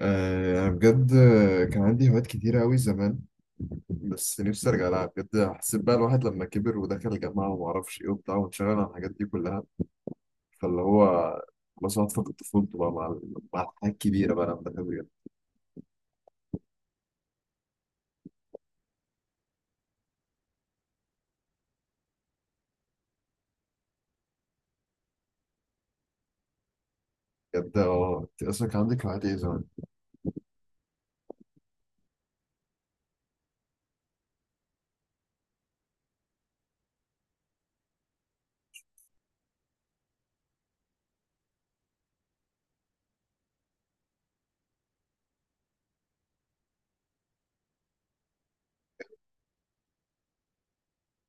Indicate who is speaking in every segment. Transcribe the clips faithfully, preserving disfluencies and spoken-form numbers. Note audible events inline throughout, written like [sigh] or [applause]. Speaker 1: آه، أنا بجد كان عندي هوايات كتيرة أوي زمان، بس نفسي أرجع لها بجد. حسيت بقى الواحد لما كبر ودخل الجامعة ومعرفش إيه وبتاع وانشغل عن الحاجات دي كلها، فاللي هو خلاص واحد فقد طفولته بقى مع مع الحاجات الكبيرة بقى لما كبر. بجد أه أنت أصلا كان عندك هوايات إيه زمان؟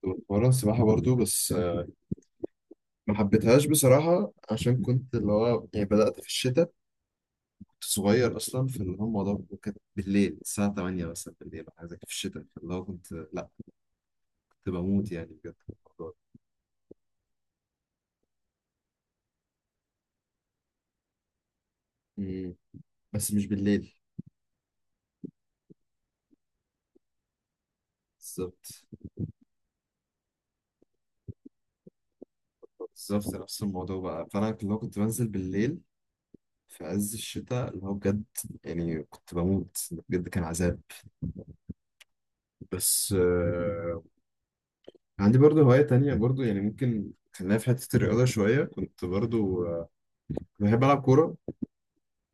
Speaker 1: كنت بتمرن سباحة برضو بس آه، ما حبيتهاش بصراحة، عشان كنت اللي هو يعني بدأت في الشتاء، كنت صغير أصلا. في اللي هو الموضوع كان بالليل الساعة الثامنة مثلا بالليل أو حاجة زي كده في الشتاء، فاللي هو كنت لأ، كنت بموت يعني بجد. مم. بس مش بالليل. بالظبط، بالظبط نفس الموضوع بقى. فانا كنت- لو كنت بنزل بالليل في عز الشتاء اللي هو بجد يعني كنت بموت بجد، كان عذاب. بس آه عندي برضو هواية تانية برضو. يعني ممكن خلينا في حتة الرياضة شوية، كنت برضو آه بحب ألعب كورة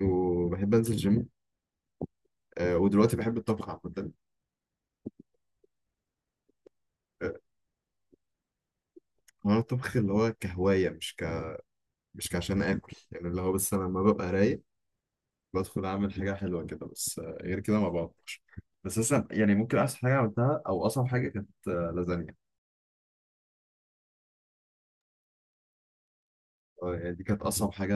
Speaker 1: وبحب أنزل جيم. آه ودلوقتي بحب الطبخ عامة. آه، هو الطبخ اللي هو كهواية، مش ك مش كعشان آكل، يعني اللي هو بس أنا لما ببقى رايق بدخل اعمل حاجه حلوه كده. بس آه، غير كده ما بعرفش. بس مثلا يعني ممكن احسن حاجه عملتها او اصعب حاجه كانت آه، لازانيا. آه، يعني دي كانت اصعب حاجه،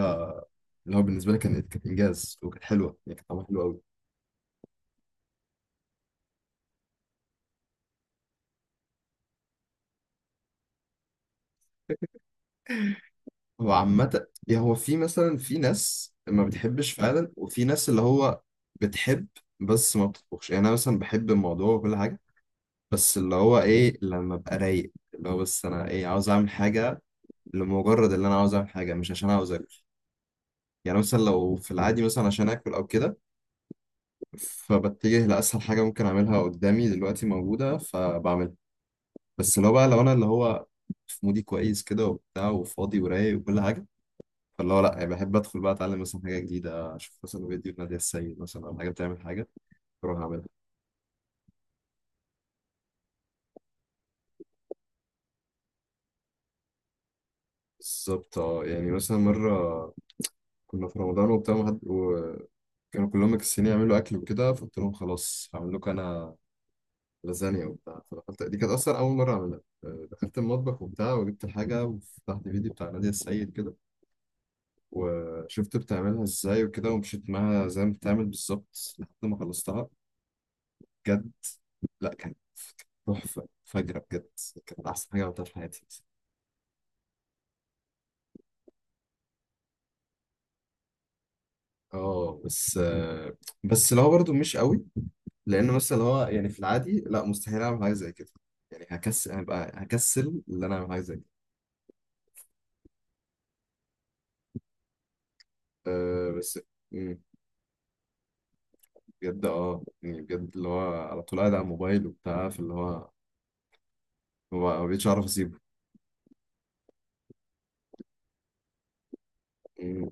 Speaker 1: اللي هو بالنسبه لي كانت كانت انجاز وكانت حلوه، يعني كانت طعمها حلو قوي. هو عامه يعني هو في مثلا في ناس ما بتحبش فعلا، وفي ناس اللي هو بتحب بس ما بتطبخش. يعني انا مثلا بحب الموضوع وكل حاجه، بس اللي هو ايه لما ابقى رايق، اللي هو بس انا ايه عاوز اعمل حاجه لمجرد اللي انا عاوز اعمل حاجه، مش عشان عاوز اكل. يعني مثلا لو في العادي مثلا عشان اكل او كده، فبتجه لأسهل حاجة ممكن أعملها قدامي دلوقتي موجودة فبعملها. بس لو بقى لو أنا اللي هو في مودي كويس كده وبتاع وفاضي ورايق وكل حاجة، فاللي هو لأ، يعني بحب أدخل بقى أتعلم مثلا حاجة جديدة، أشوف مثلا فيديو نادية السيد مثلا أو حاجة بتعمل حاجة أروح أعملها. بالظبط أه. يعني مثلا مرة كنا في رمضان وبتاع وحد، وكانوا كلهم مكسلين يعملوا أكل وكده، فقلت لهم خلاص هعمل لكم أنا لازانيا وبتاع. فدخلت، دي كانت أصلا أول مرة أعملها. آه، دخلت المطبخ وبتاع، وجبت الحاجة وفتحت فيديو بتاع نادية السيد كده، وشفت بتعملها ازاي وكده، ومشيت معاها زي ما بتعمل بالظبط لحد ما خلصتها. بجد، لا كانت تحفة فجرة بجد، كانت أحسن حاجة عملتها في حياتي. اه بس آه، بس لو برضو مش قوي، لأن مثلا هو يعني في العادي لا مستحيل أعمل حاجة زي كده، يعني هكسل، هبقى هكسل إن أنا أعمل حاجة زي كده. أه بس مم، بجد اه يعني بجد اللي هو على طول قاعد على الموبايل وبتاع، فاللي هو هو ما بقتش أعرف أسيبه. مم،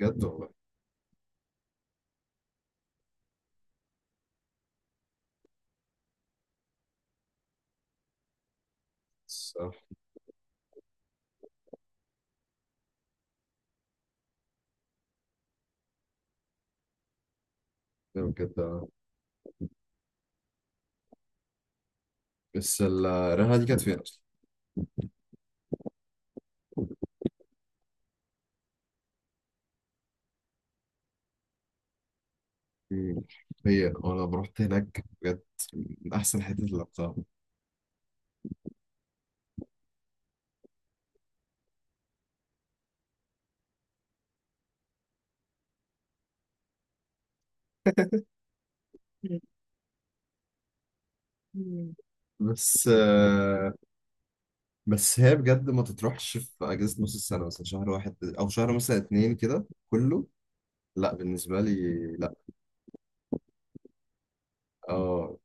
Speaker 1: بجد والله. الصراحة بجد آه. بس ال- الرحلة دي كانت فين أصلا؟ مم. هي وأنا لما رحت هناك بجد من أحسن حتة اللي رحتها. مم. بس آه، بس هي بجد ما تتروحش في أجازة نص السنة مثلا، شهر واحد أو شهر مثلا اتنين كده كله، لا بالنسبة لي، لا. اه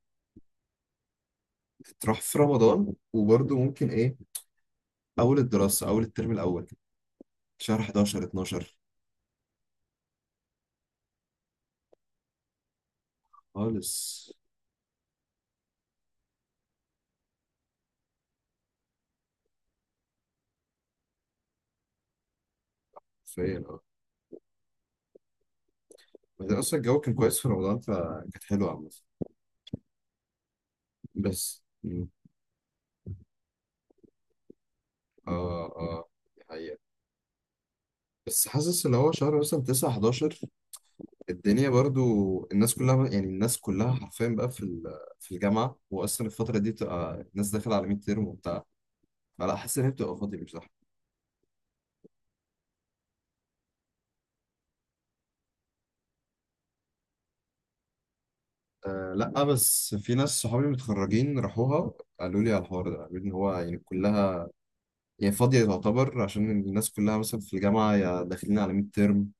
Speaker 1: تتروح في رمضان، وبرضه ممكن إيه أول الدراسة أول الترم الأول، شهر حداشر اتناشر. خالص. فين اه. بعدين أصلا الجو كان كويس في رمضان، فكانت حلوة عامة. بس اه [laughs] اه، دي حقيقة. بس حاسس اللي هو شهر مثلا تسعة حداشر الدنيا برضو، الناس كلها يعني الناس كلها حرفيا بقى في ال- في الجامعة، وأصلا الفترة دي بتبقى الناس داخلة على مية ترم وبتاع، فلا حاسس إن هي بتبقى فاضية مش زحمة. آه لا، بس في ناس صحابي متخرجين راحوها، قالوا لي على الحوار ده، قالوا لي إن هو يعني كلها يعني فاضية تعتبر، عشان الناس كلها مثلا في الجامعة يا داخلين على مية ترم،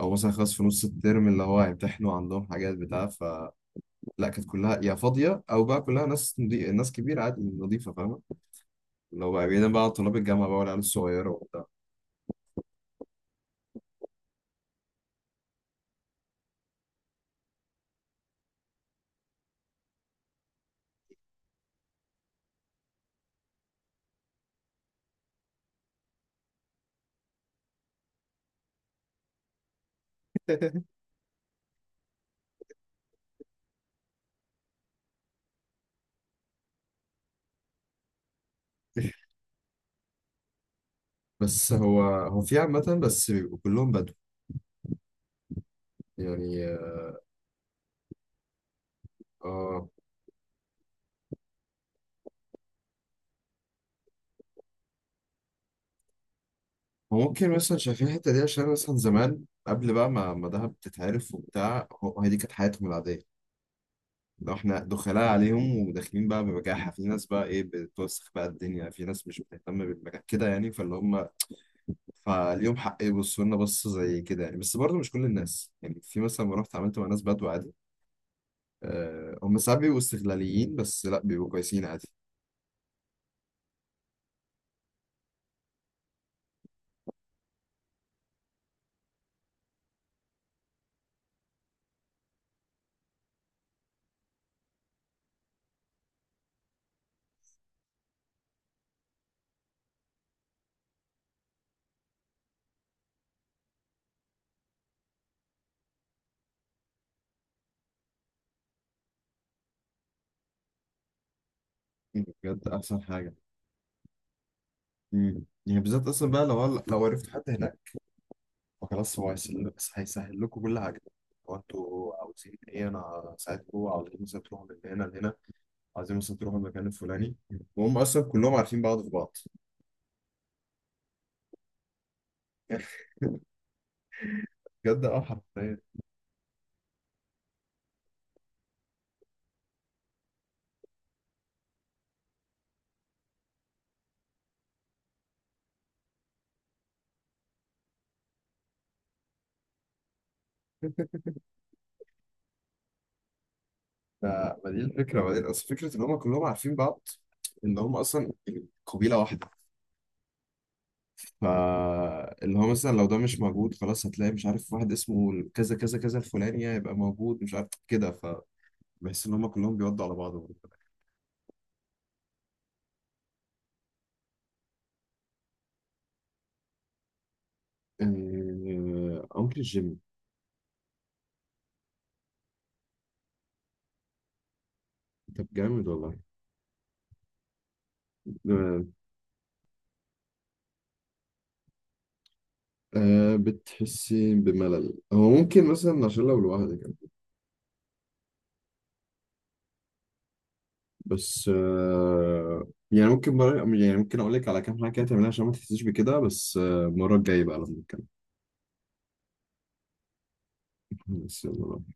Speaker 1: أو مثلا خلاص في نص الترم اللي هو هيمتحنوا عندهم حاجات بتاع. لا كانت كلها يا فاضيه او بقى كلها ناس نضي... ناس كبيره عادي، نظيفه، فاهمه، اللي هو بقى بعيدا بقى عن طلاب الجامعه بقى والعيال الصغيره وبتاع. بس هو هو في عامه بس بيبقوا كلهم بدو يعني. اه هو ممكن مثلا شايفين الحته دي عشان مثلا زمان قبل بقى ما ما دهب تتعرف وبتاع، هو هي دي كانت حياتهم العاديه، لو احنا دخلاء عليهم وداخلين بقى بمجاحة. في ناس بقى ايه بتوسخ بقى الدنيا، في ناس مش بتهتم بالمجاح كده يعني، فاللي هم فاليوم حق يبصوا لنا بص زي كده يعني. بس برضه مش كل الناس، يعني في مثلا ما رحت عملت مع ناس بدو عادي. أه هم ساعات بيبقوا استغلاليين، بس لا بيبقوا كويسين عادي. بجد احسن حاجة. مم. يعني بالذات اصلا بقى لو لو عرفت حد هناك فخلاص، هو هيسهل، هيسهل لكم كل حاجة. هو انتوا عاوزين ايه، انا ساعدكم، عاوزين مثلا تروحوا من هنا لهنا، عايزين مثلا تروح المكان الفلاني، وهم اصلا كلهم عارفين بعض في بعض. بجد اه حرفيا. ف- ما دي الفكره، بعدين اصل فكره ان هم كلهم عارفين بعض، ان هم اصلا قبيله واحده، فاللي هو مثلا لو ده مش موجود خلاص، هتلاقي مش عارف واحد اسمه كذا كذا كذا الفلاني هيبقى موجود مش عارف كده، فبحس ان هم كلهم بيودوا على بعض. آه، أنكل جيمي. طب جامد والله. آه، آه، بتحسي بملل. هو ممكن مثلا عشان لو لوحدك. بس آه، يعني ممكن مرة، يعني ممكن اقول لك على كام حاجه كده تعملها عشان ما تحسيش بكده. بس آه، المره الجايه بقى لما نتكلم. بس يلا بقى.